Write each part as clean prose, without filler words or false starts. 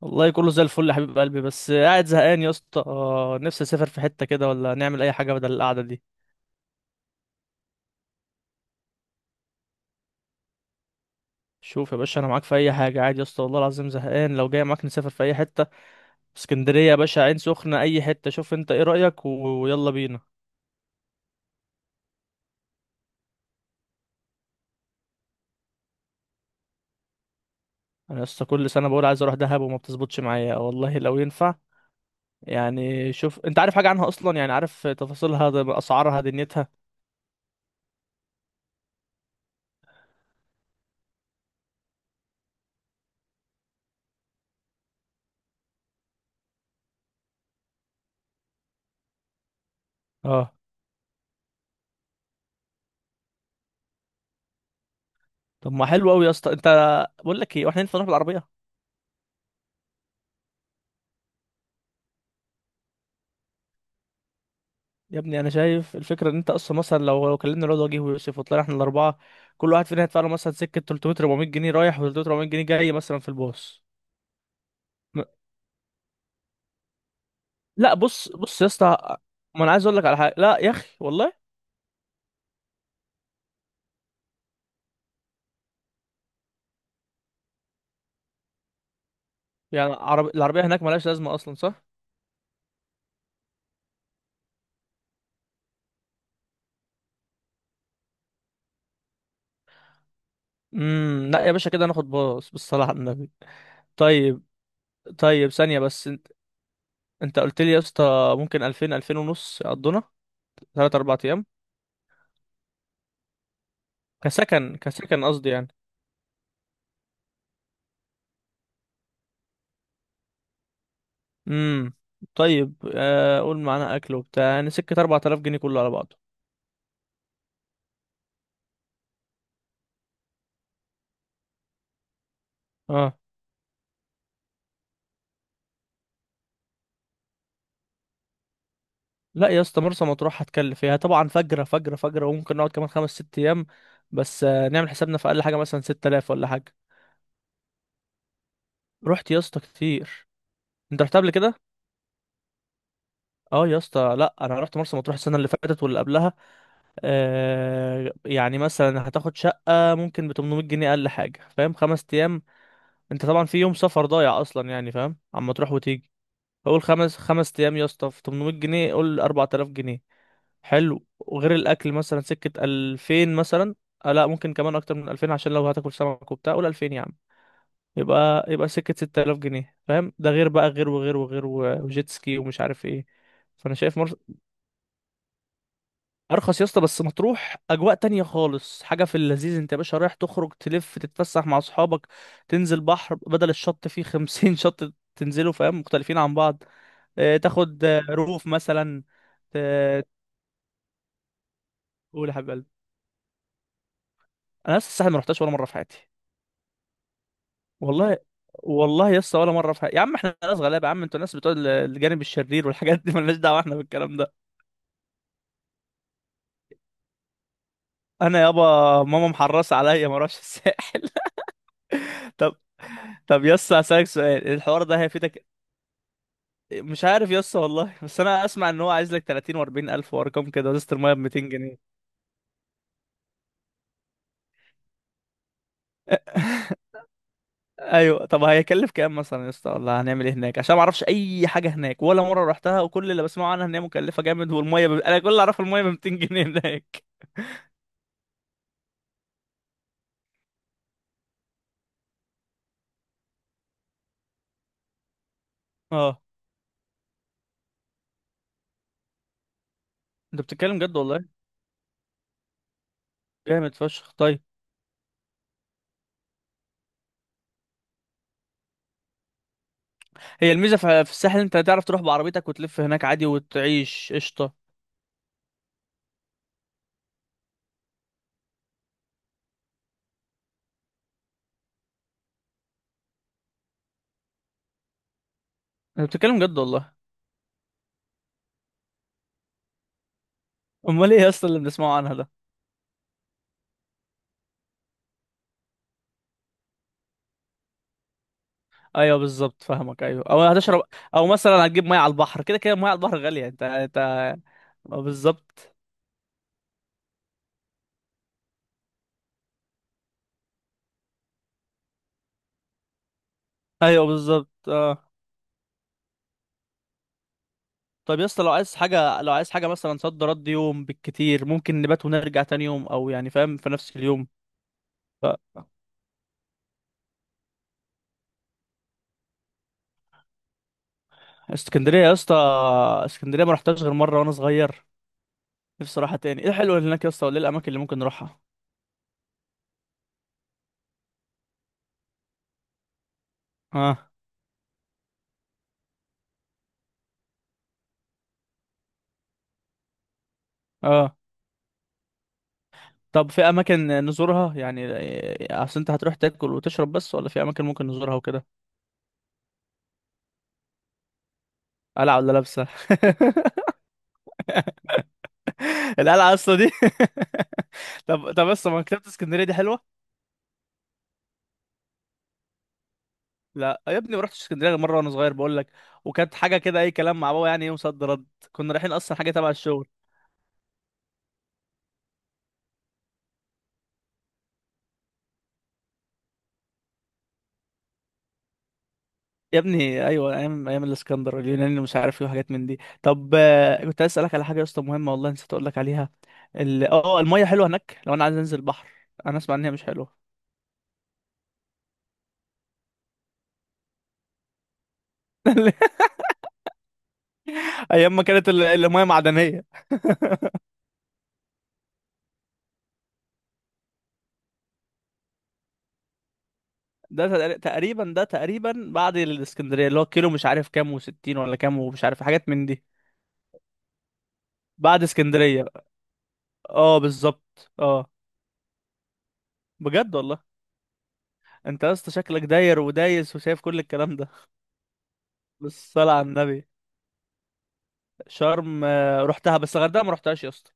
والله كله زي الفل يا حبيب قلبي، بس قاعد زهقان يا اسطى. نفسي اسافر في حتة كده، ولا نعمل اي حاجة بدل القعدة دي. شوف يا باشا، انا معاك في اي حاجة عادي يا اسطى. والله العظيم زهقان، لو جاي معاك نسافر في اي حتة. اسكندرية يا باشا، عين سخنة، اي حتة. شوف انت ايه رأيك، ويلا بينا. انا يا اسطى، كل سنة بقول عايز اروح دهب وما بتظبطش معايا والله، لو ينفع. يعني شوف، انت عارف حاجة عنها اصلا؟ يعني عارف تفاصيلها، اسعارها، دنيتها. اه. طب ما حلو قوي يا اسطى. انت، بقول لك ايه، واحنا ينفع نروح بالعربية؟ يا ابني انا شايف الفكره ان انت اصلا مثلا لو كلمنا الواد وجيه ويوسف وطلعنا احنا الاربعه، كل واحد فينا هيدفع له مثلا سكه 300 400 جنيه رايح، و 300 400 جنيه جاي، مثلا في الباص. م- لا، بص بص يا اسطى، ما انا عايز اقول لك على حاجه، لا يا اخي والله. يعني عربي، العربيه هناك ملهاش لازمه اصلا، صح؟ لا يا باشا كده، ناخد باص بالصلاه على النبي. طيب. طيب ثانيه بس، انت، انت قلت لي يا اسطى ممكن 2000 ونص يقضونا 3 4 ايام، كسكن قصدي يعني. امم طيب. قول معانا اكل وبتاع يعني سكه 4000 جنيه كله على بعضه. اه. لا يا اسطى مرسى مطروح هتكلف فيها طبعا فجرة فجرة فجرة، وممكن نقعد كمان خمس ست ايام. بس نعمل حسابنا في اقل حاجة مثلا 6000 ولا حاجة. رحت يا اسطى كتير. انت رحت قبل كده؟ اه يا اسطى، لا انا رحت مرسى مطروح السنة اللي فاتت واللي قبلها. يعني مثلا هتاخد شقة ممكن ب 800 جنيه اقل حاجة، فاهم؟ خمس ايام. انت طبعا في يوم سفر ضايع اصلا يعني، فاهم، عما تروح وتيجي. قول خمس، خمس ايام يا اسطى في 800 جنيه، قول 4000 جنيه. حلو. وغير الاكل مثلا سكه 2000 مثلا. لا ممكن كمان اكتر من 2000، عشان لو هتاكل سمك وبتاع، قول 2000 يا عم. يبقى سكه 6000 جنيه، فاهم؟ ده غير بقى، غير وغير وغير وجيت سكي ومش عارف ايه. فانا شايف ارخص يا اسطى، بس مطروح اجواء تانية خالص، حاجه في اللذيذ. انت يا باشا رايح تخرج، تلف، تتفسح مع اصحابك، تنزل بحر، بدل الشط فيه 50 شط تنزلوا، فاهم، مختلفين عن بعض. تاخد روف مثلا. ت- تقول يا حبيب قلبي، انا لسه الساحل ما رحتش ولا مره في حياتي. والله. والله لسه ولا مره في حياتي يا عم. احنا ناس غلابه يا عم، انتوا ناس بتوع الجانب الشرير والحاجات دي، مالناش دعوه احنا بالكلام ده. انا يابا، ماما محرصه عليا ما اروحش الساحل. طب. يسا هسألك سؤال، الحوار ده هيفيدك. مش عارف يسا والله. بس انا اسمع ان هو عايز لك 30 و40 الف، وارقام كده، وازازه الميه ب 200 جنيه. ايوه. طب هيكلف كام مثلا يا اسطى، ولا هنعمل ايه هناك؟ عشان ما اعرفش اي حاجه هناك، ولا مره رحتها، وكل اللي بسمعه عنها ان هي مكلفه جامد، والميه انا كل اللي اعرفه الميه ب 200 جنيه هناك. اه. انت بتتكلم جد والله؟ جامد فشخ. طيب. هي الميزه في الساحل، انت تعرف تروح بعربيتك وتلف هناك عادي وتعيش قشطه. انت بتتكلم جد والله؟ امال ايه يا اسطى اللي بنسمعه عنها ده؟ ايوه بالظبط فاهمك. ايوه، او هتشرب، او مثلا هتجيب ميه على البحر، كده كده ميه على البحر غاليه، انت. بالظبط. ايوه بالظبط. اه. طب يا اسطى، لو عايز حاجة مثلا صد رد يوم بالكتير، ممكن نبات ونرجع تاني يوم، او يعني فاهم في نفس اليوم. ف... اسكندرية يا اسطى، اسكندرية ما رحتهاش غير مرة وانا صغير. نفسي اروحها تاني. ايه الحلو اللي هناك يا اسطى؟ وايه الاماكن اللي ممكن نروحها؟ اه. اه طب في اماكن نزورها يعني؟ اصل انت هتروح تاكل وتشرب بس، ولا في اماكن ممكن نزورها وكده؟ قلعة ولا لابسة؟ القلعة اصلا دي. طب. بس ما مكتبة اسكندرية دي حلوة. لا يا ابني، ما رحتش اسكندريه غير مره وانا صغير بقول لك. وكانت حاجه كده اي كلام، مع بابا يعني، يوم صد رد. كنا رايحين اصلا حاجه تبع الشغل. يا ابني ايوه، ايام ايام الاسكندر اليوناني مش عارف ايه وحاجات من دي. طب كنت عايز اسالك على حاجه يا اسطى مهمه، والله نسيت اقول لك عليها. اه الميه حلوه هناك لو انا عايز انزل البحر؟ انا اسمع ان هي مش حلوه. ايام ما كانت الميه معدنيه. تقريبا، ده تقريبا بعد الاسكندريه اللي هو كيلو مش عارف كام وستين ولا كام، ومش عارف حاجات من دي. بعد اسكندريه بقى. اه بالظبط. اه. بجد والله. انت يا اسطى شكلك داير ودايس وشايف كل الكلام ده. بالصلاة على النبي. شرم رحتها، بس الغردقة ما رحتهاش يا اسطى.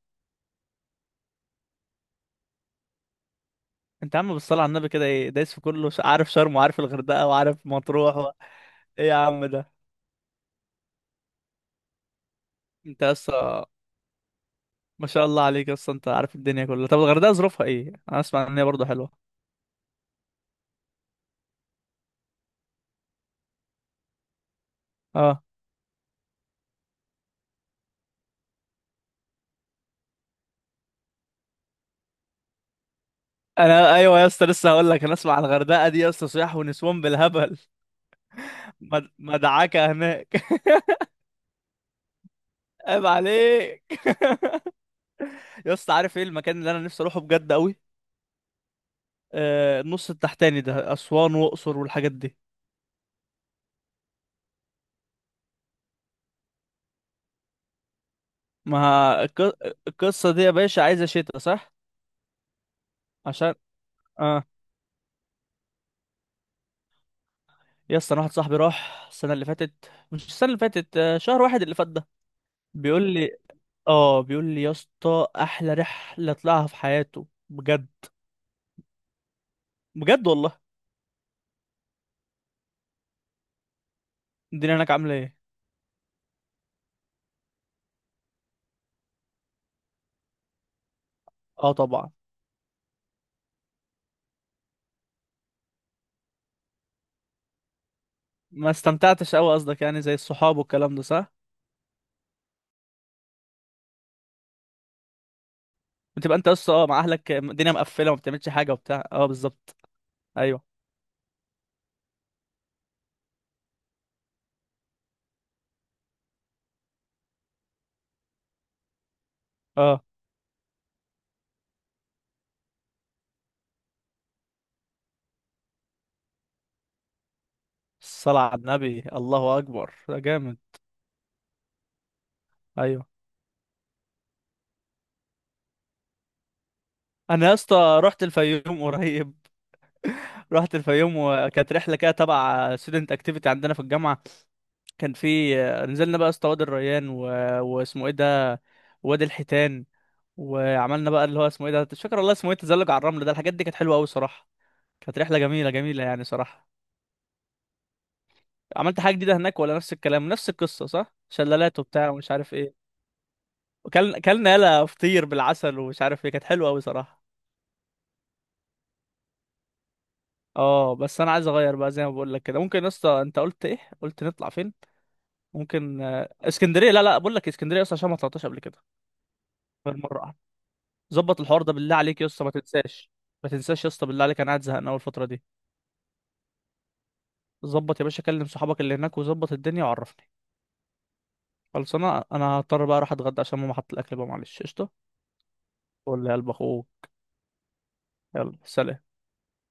انت يا عم بالصلاة على النبي كده، ايه؟ دايس في كله، عارف شرم وعارف الغردقة وعارف مطروح ايه يا عم ده؟ انت يا اسطى، ما شاء الله عليك يا اسطى، انت عارف الدنيا كلها. طب الغردقة ظروفها ايه؟ انا اسمع ان هي برضه حلوة. اه. انا ايوه يا اسطى لسه هقول لك، انا اسمع عن الغردقة دي يا اسطى، صياح ونسوان بالهبل. مدعكة هناك. عيب عليك. يا اسطى، عارف ايه المكان اللي انا نفسي اروحه بجد قوي؟ النص التحتاني ده، أسوان وأقصر والحاجات دي. ما الق- القصة دي يا باشا عايزة شتا، صح؟ عشان. اه يا اسطى، أنا واحد صاحبي راح السنة اللي فاتت، مش السنة اللي فاتت شهر واحد اللي فات ده، بيقول لي. اه بيقول لي يا اسطى، أحلى رحلة طلعها في حياته بجد. بجد والله؟ الدنيا هناك عاملة ايه؟ اه طبعا. ما استمتعتش قوي قصدك يعني زي الصحاب والكلام ده، صح؟ بتبقى انت يا اسطى مع اهلك الدنيا مقفلة وما بتعملش حاجة وبتاع. اه بالظبط. ايوه. اه. الصلاة على النبي، الله أكبر ده جامد. أيوه. أنا يا اسطى رحت الفيوم قريب. رحت الفيوم، وكانت رحلة كده تبع student activity عندنا في الجامعة. كان في نزلنا بقى يا اسطى وادي الريان واسمه إيه ده، وادي الحيتان. وعملنا بقى اللي هو اسمه إيه ده، مش فاكر والله اسمه إيه، تزلج على الرمل، ده الحاجات دي كانت حلوة أوي صراحة. كانت رحلة جميلة جميلة يعني صراحة. عملت حاجة جديدة هناك ولا نفس الكلام نفس القصة؟ صح، شلالات وبتاع ومش عارف إيه. وكلنا يلا فطير بالعسل ومش عارف إيه، كانت حلوة أوي صراحة. اه. بس انا عايز اغير بقى زي ما بقول لك كده. ممكن يا اسطى، انت قلت ايه، قلت نطلع فين؟ ممكن اسكندريه. لا لا بقول لك اسكندريه اصلا، عشان ما طلعتهاش قبل كده، غير مره واحده. ظبط الحوار ده بالله عليك يا اسطى، ما تنساش. ما تنساش يا اسطى بالله عليك، انا قاعد زهقان اول الفتره دي. ظبط يا باشا، كلم صحابك اللي هناك وظبط الدنيا وعرفني. خلاص، انا هضطر بقى اروح اتغدى عشان ماما حط الاكل بقى، معلش قشطه. قول لي يا قلب اخوه. يلا سلام.